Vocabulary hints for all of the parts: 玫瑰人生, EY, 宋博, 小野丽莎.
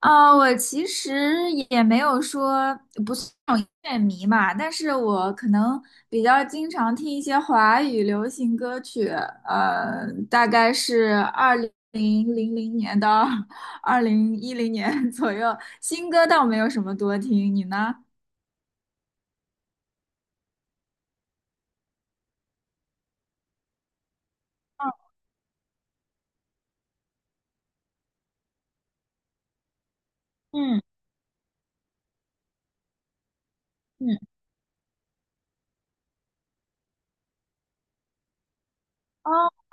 啊，我其实也没有说不是那种音乐迷嘛，但是我可能比较经常听一些华语流行歌曲，大概是2000年到 2010年 左右，新歌倒没有什么多听，你呢？嗯嗯哦，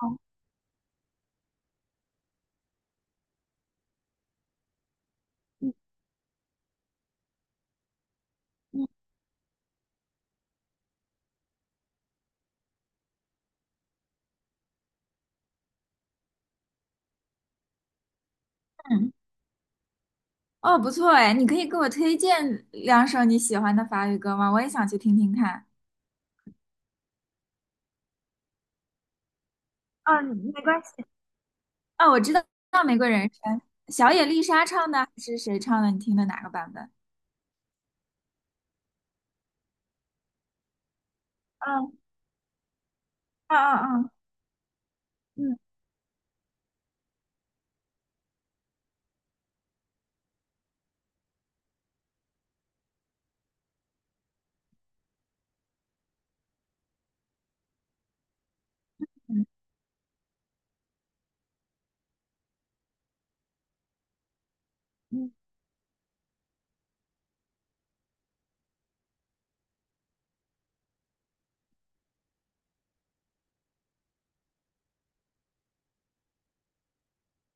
嗯，哦，不错哎，你可以给我推荐两首你喜欢的法语歌吗？我也想去听听看。嗯，没关系。啊，我知道《玫瑰人生》，小野丽莎唱的还是谁唱的？你听的哪个版本？嗯嗯嗯嗯嗯嗯，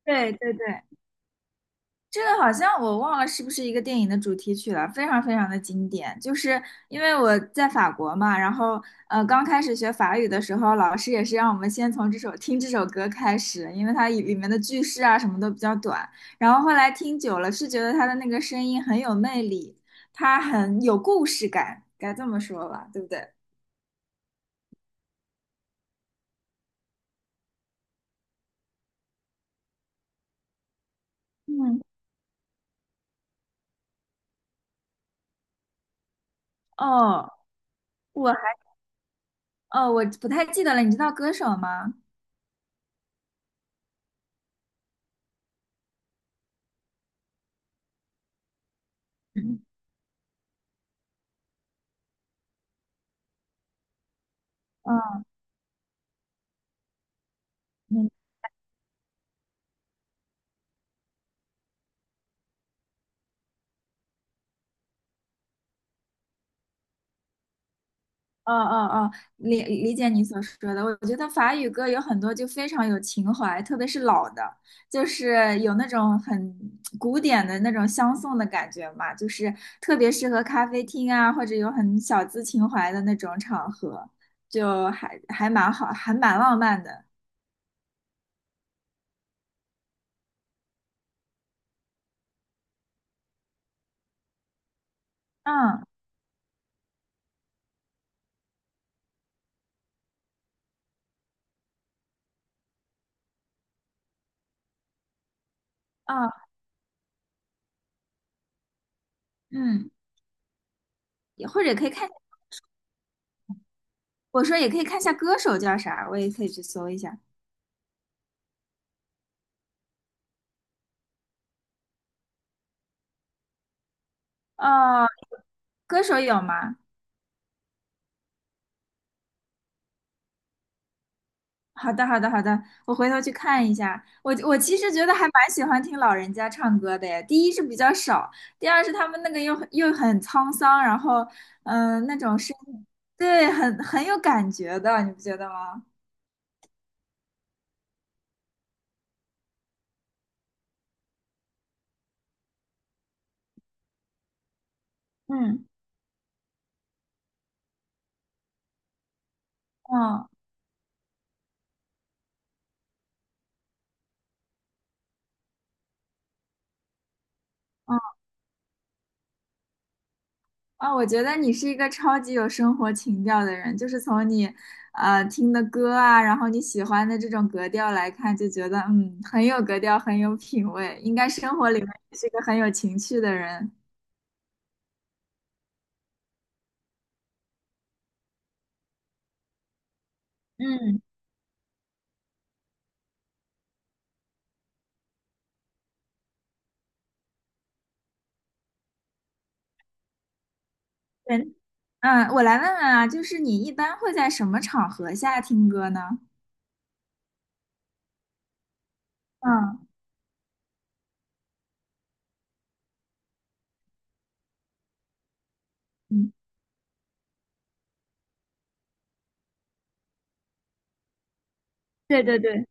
对对对，这个好像我忘了是不是一个电影的主题曲了，非常非常的经典。就是因为我在法国嘛，然后刚开始学法语的时候，老师也是让我们先从听这首歌开始，因为它里面的句式啊什么都比较短。然后后来听久了，是觉得他的那个声音很有魅力，他很有故事感，该这么说吧，对不对？嗯，哦，我还，哦，我不太记得了，你知道歌手吗？嗯，嗯，嗯哦哦哦，理解你所说的。我觉得法语歌有很多就非常有情怀，特别是老的，就是有那种很古典的那种相送的感觉嘛，就是特别适合咖啡厅啊，或者有很小资情怀的那种场合，就还蛮好，还蛮浪漫的。嗯嗯嗯，也或者可以看。我说也可以看一下歌手叫啥，我也可以去搜一下。哦，歌手有吗？好的，好的，好的，我回头去看一下。我其实觉得还蛮喜欢听老人家唱歌的耶。第一是比较少，第二是他们那个又很沧桑，然后那种声音，对，很有感觉的，你不觉得吗？嗯嗯，嗯。啊，我觉得你是一个超级有生活情调的人，就是从你，听的歌啊，然后你喜欢的这种格调来看，就觉得嗯，很有格调，很有品味，应该生活里面也是一个很有情趣的人。嗯，对，嗯，我来问问啊，就是你一般会在什么场合下听歌呢？嗯嗯。对对对。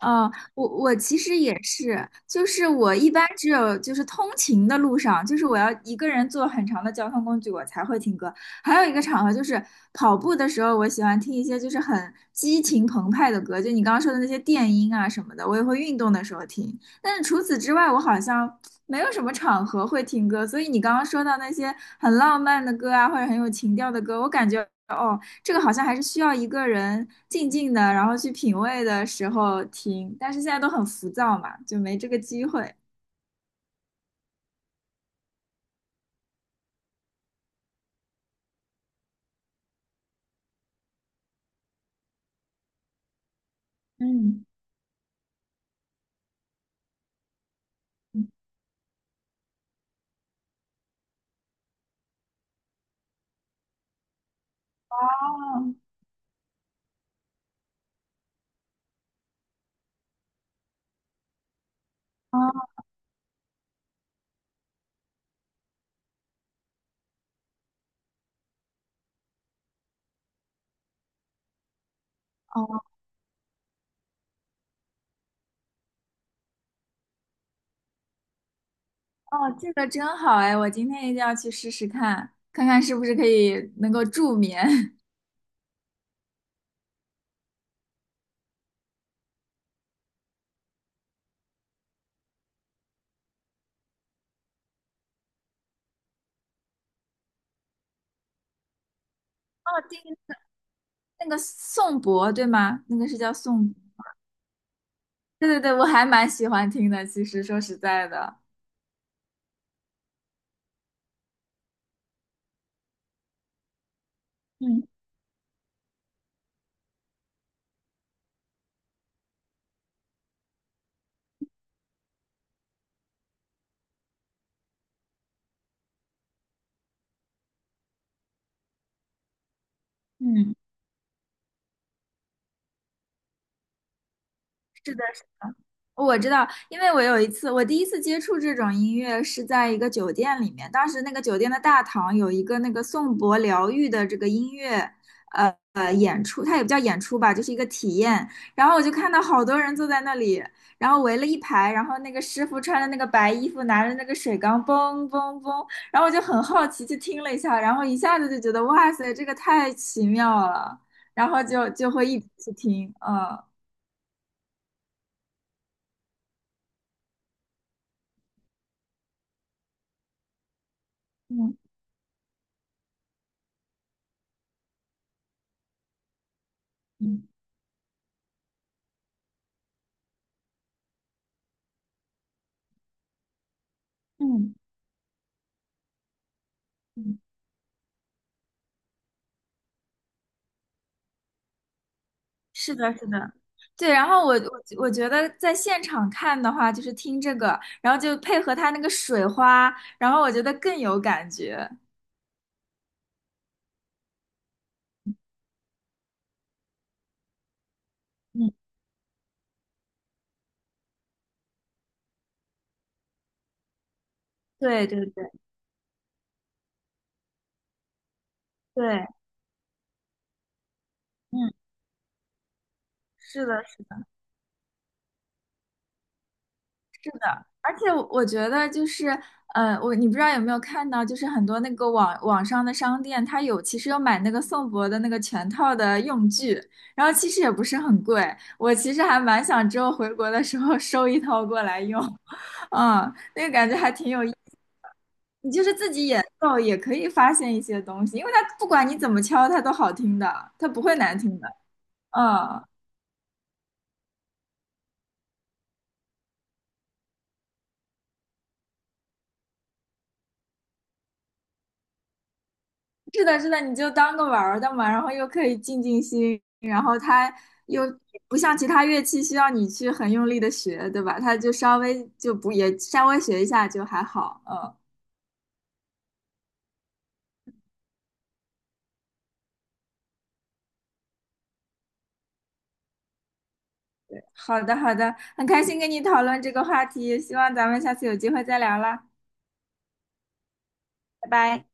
哦，我其实也是，就是我一般只有就是通勤的路上，就是我要一个人坐很长的交通工具，我才会听歌。还有一个场合就是跑步的时候，我喜欢听一些就是很激情澎湃的歌，就你刚刚说的那些电音啊什么的，我也会运动的时候听。但是除此之外，我好像没有什么场合会听歌，所以你刚刚说到那些很浪漫的歌啊，或者很有情调的歌，我感觉。哦。这个好像还是需要一个人静静的，然后去品味的时候听，但是现在都很浮躁嘛，就没这个机会。嗯，哦哦哦，哦，这个真好哎！我今天一定要去试试看，看看是不是可以能够助眠。哦，对，那个宋博对吗？那个是叫宋博对对对，我还蛮喜欢听的。其实说实在的，嗯嗯，是。我知道，因为我有一次，我第一次接触这种音乐是在一个酒店里面，当时那个酒店的大堂有一个那个颂钵疗愈的这个音乐，演出，它也不叫演出吧，就是一个体验。然后我就看到好多人坐在那里，然后围了一排，然后那个师傅穿着那个白衣服，拿着那个水缸，嘣嘣嘣，然后我就很好奇去听了一下，然后一下子就觉得哇塞，这个太奇妙了，然后就会一直去听，嗯嗯嗯嗯。嗯是的，是的，对。然后我我觉得在现场看的话，就是听这个，然后就配合它那个水花，然后我觉得更有感觉。嗯，对对，嗯，是的，是的。而且我觉得就是，你不知道有没有看到，就是很多那个网上的商店，它其实有买那个宋博的那个全套的用具，然后其实也不是很贵。我其实还蛮想之后回国的时候 收一套过来用，嗯，那个感觉还挺有。意。你就是自己演奏也可以发现一些东西，因为它不管你怎么敲，它都好听的，它不会难听的。嗯，是的，是的，你就当个玩儿的嘛，然后又可以静静心，然后它又不像其他乐器需要你去很用力的学，对吧？它就稍微就不也稍微学一下就还好。嗯，好的，好的，很开心跟你讨论这个话题，希望咱们下次有机会再聊啦，拜拜。